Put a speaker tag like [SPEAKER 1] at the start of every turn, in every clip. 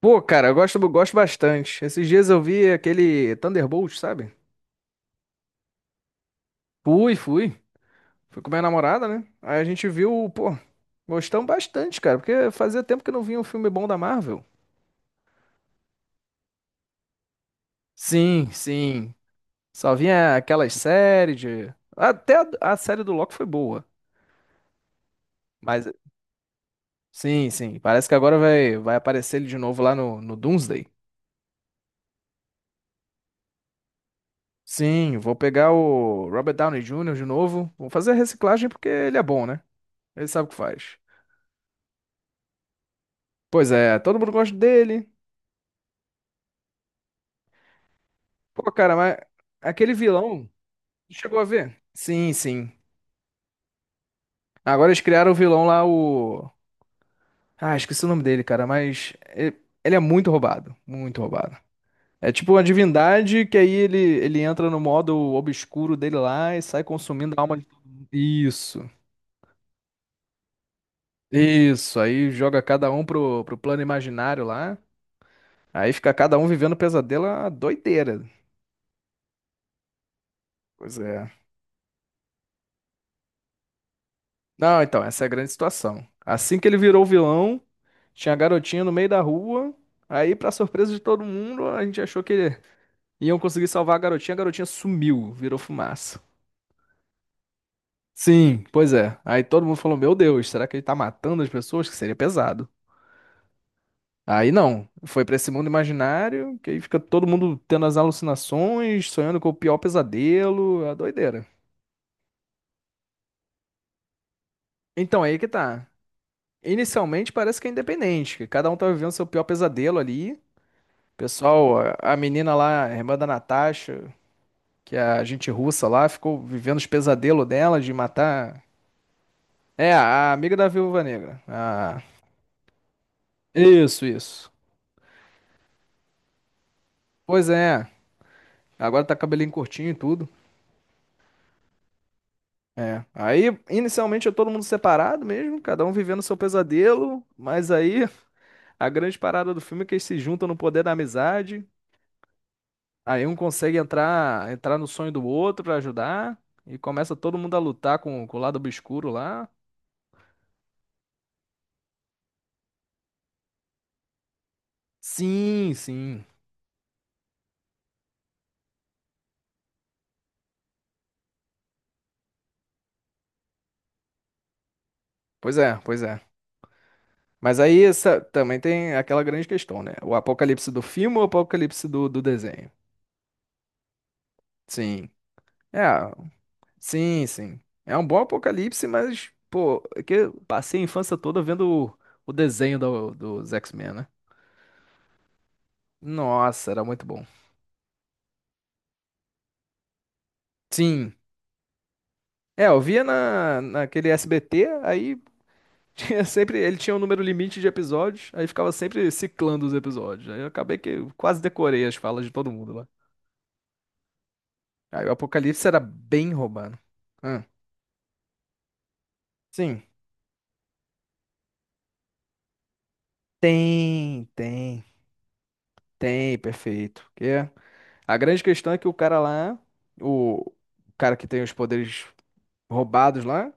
[SPEAKER 1] Pô, cara, eu gosto bastante. Esses dias eu vi aquele Thunderbolt, sabe? Fui. Fui com minha namorada, né? Aí a gente viu, pô, gostamos bastante, cara, porque fazia tempo que não vinha um filme bom da Marvel. Sim, sim. Só vinha aquelas séries de. Até a série do Loki foi boa. Mas, sim, sim. Parece que agora vai aparecer ele de novo lá no Doomsday. Sim, vou pegar o Robert Downey Jr. de novo. Vou fazer a reciclagem porque ele é bom, né? Ele sabe o que faz. Pois é, todo mundo gosta dele. Pô, cara, mas aquele vilão, tu chegou a ver? Sim, sim. Agora eles criaram o vilão lá, o. Ah, esqueci o nome dele, cara, mas ele é muito roubado. Muito roubado. É tipo uma divindade que aí ele entra no modo obscuro dele lá e sai consumindo a alma de todo mundo. Isso. Isso. Aí joga cada um pro plano imaginário lá. Aí fica cada um vivendo pesadelo, a doideira. Pois é. Não, então, essa é a grande situação. Assim que ele virou vilão, tinha a garotinha no meio da rua. Aí, pra surpresa de todo mundo, a gente achou que iam conseguir salvar a garotinha. A garotinha sumiu, virou fumaça. Sim, pois é. Aí todo mundo falou: Meu Deus, será que ele tá matando as pessoas? Que seria pesado. Aí não, foi pra esse mundo imaginário, que aí fica todo mundo tendo as alucinações, sonhando com o pior pesadelo, a doideira. Então, aí que tá. Inicialmente parece que é independente, que cada um tá vivendo seu pior pesadelo ali. Pessoal, a menina lá, a irmã da Natasha, que é a gente russa lá, ficou vivendo os pesadelos dela de matar. É, a amiga da Viúva Negra. Ah, isso, isso. Pois é, agora tá cabelinho curtinho e tudo. É. Aí, inicialmente, é todo mundo separado mesmo, cada um vivendo seu pesadelo, mas aí a grande parada do filme é que eles se juntam no poder da amizade. Aí um consegue entrar no sonho do outro pra ajudar. E começa todo mundo a lutar com o lado obscuro lá. Sim, sim. Pois é. Mas aí essa, também tem aquela grande questão, né? O apocalipse do filme ou o apocalipse do desenho? Sim. É, sim, sim. É um bom apocalipse, mas, pô, é que eu passei a infância toda vendo o, o desenho do, dos X-Men, né? Nossa, era muito bom. Sim. É, eu via naquele SBT, aí tinha sempre, ele tinha um número limite de episódios, aí ficava sempre ciclando os episódios. Aí eu acabei que eu quase decorei as falas de todo mundo lá. Aí o Apocalipse era bem romano. Ah, sim. Tem, tem, tem, perfeito. Porque a grande questão é que o cara lá, o cara que tem os poderes roubados lá,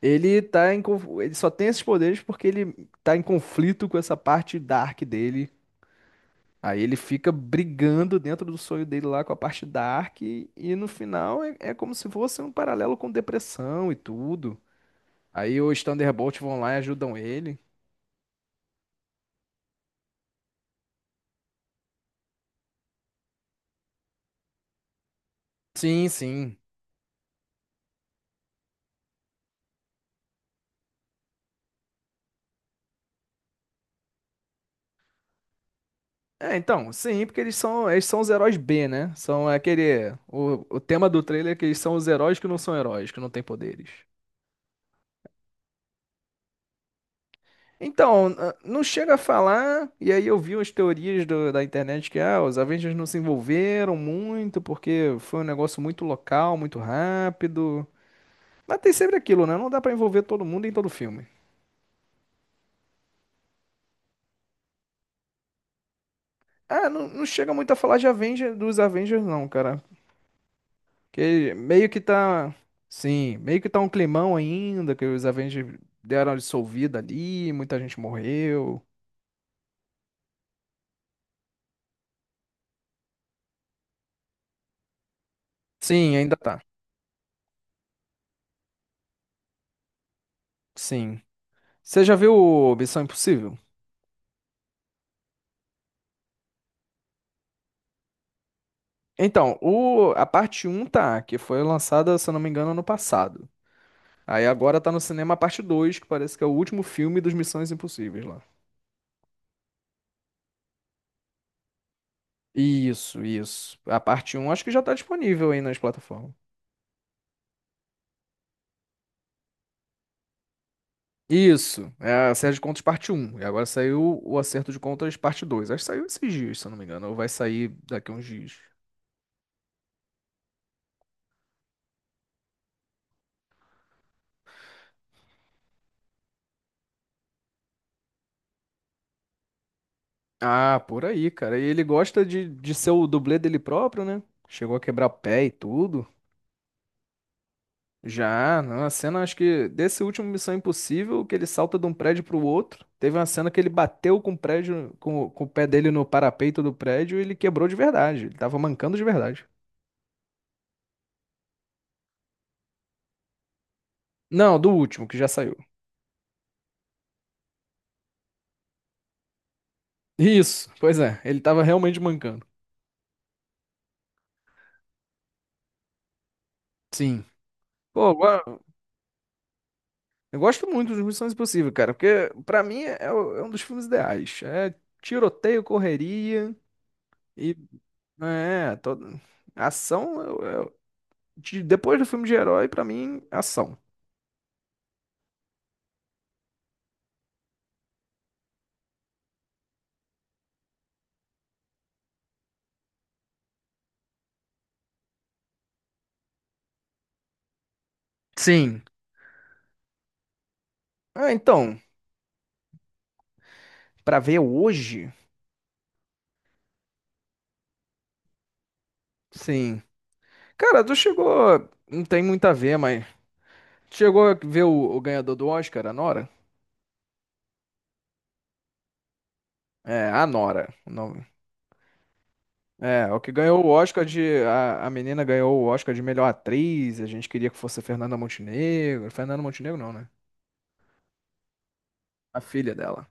[SPEAKER 1] ele tá em, ele só tem esses poderes porque ele tá em conflito com essa parte dark dele. Aí ele fica brigando dentro do sonho dele lá com a parte dark e no final é como se fosse um paralelo com depressão e tudo. Aí os Thunderbolts vão lá e ajudam ele. Sim, sim. É, então, sim, porque eles são os heróis B, né? São aquele. O tema do trailer é que eles são os heróis que não são heróis, que não têm poderes. Então, não chega a falar, e aí eu vi umas teorias da internet que ah, os Avengers não se envolveram muito, porque foi um negócio muito local, muito rápido. Mas tem sempre aquilo, né? Não dá pra envolver todo mundo em todo filme. Ah, não, não chega muito a falar de Avengers, dos Avengers, não, cara. Que meio que tá. Sim, meio que tá um climão ainda, que os Avengers deram uma dissolvida ali, muita gente morreu. Sim, ainda tá. Sim. Você já viu o Missão Impossível? Então, o, a parte um tá, que foi lançada, se eu não me engano, ano passado. Aí agora tá no cinema a parte 2 que parece que é o último filme dos Missões Impossíveis lá. Isso, isso. A parte um acho que já tá disponível aí nas plataformas. Isso, é a série de contas parte um E agora saiu o acerto de contas parte 2. Acho que saiu esses dias, se eu não me engano. Ou vai sair daqui a uns dias. Ah, por aí, cara. E ele gosta de ser o dublê dele próprio, né? Chegou a quebrar o pé e tudo. Já, não. A cena, acho que desse último Missão Impossível, que ele salta de um prédio pro outro. Teve uma cena que ele bateu com o prédio, com o pé dele no parapeito do prédio e ele quebrou de verdade. Ele tava mancando de verdade. Não, do último, que já saiu. Isso, pois é, ele tava realmente mancando. Sim. Pô, eu, go- eu gosto muito de Missão Impossível, cara, porque pra mim é um dos filmes ideais. É tiroteio, correria e é, todo... ação. Depois do filme de herói, pra mim, ação. Sim. Ah, então, pra ver hoje? Sim. Cara, tu chegou. Não tem muito a ver, mas. Chegou a ver o ganhador do Oscar, a Nora? É, a Nora. É, o que ganhou o Oscar de. A menina ganhou o Oscar de melhor atriz. A gente queria que fosse a Fernanda Montenegro. Fernanda Montenegro não, né? A filha dela.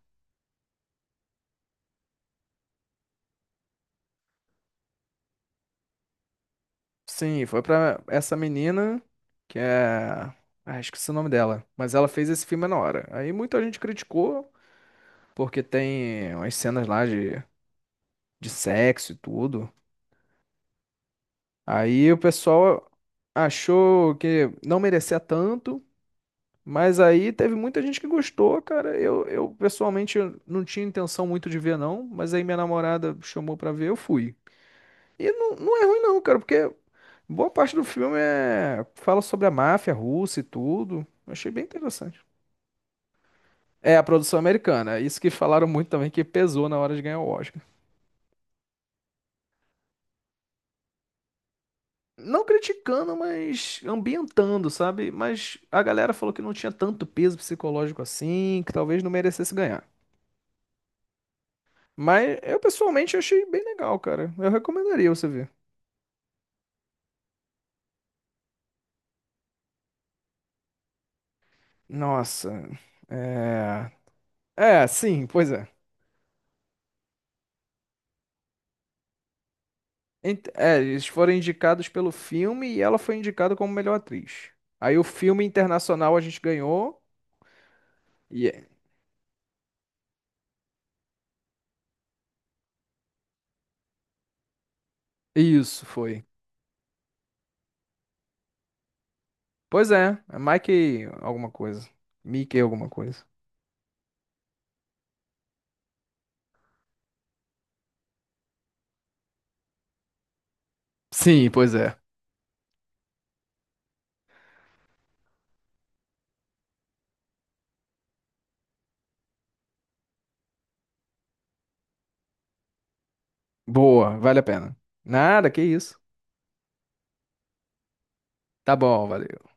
[SPEAKER 1] Sim, foi pra essa menina, que é. Ah, esqueci o nome dela. Mas ela fez esse filme na hora. Aí muita gente criticou, porque tem umas cenas lá de sexo e tudo. Aí o pessoal achou que não merecia tanto. Mas aí teve muita gente que gostou, cara. Eu pessoalmente eu não tinha intenção muito de ver, não. Mas aí minha namorada chamou pra ver, eu fui. E não, não é ruim, não, cara, porque boa parte do filme é... fala sobre a máfia russa e tudo. Eu Achei bem interessante. É, a produção americana. Isso que falaram muito também que pesou na hora de ganhar o Oscar. Não criticando, mas ambientando, sabe? Mas a galera falou que não tinha tanto peso psicológico assim, que talvez não merecesse ganhar. Mas eu pessoalmente achei bem legal, cara. Eu recomendaria você ver. Nossa. É. É, sim, pois é. É, eles foram indicados pelo filme e ela foi indicada como melhor atriz. Aí o filme internacional a gente ganhou. E é- Isso foi. Pois é, é Mike alguma coisa. Mickey alguma coisa. Sim, pois é. Boa, vale a pena. Nada, que isso. Tá bom, valeu.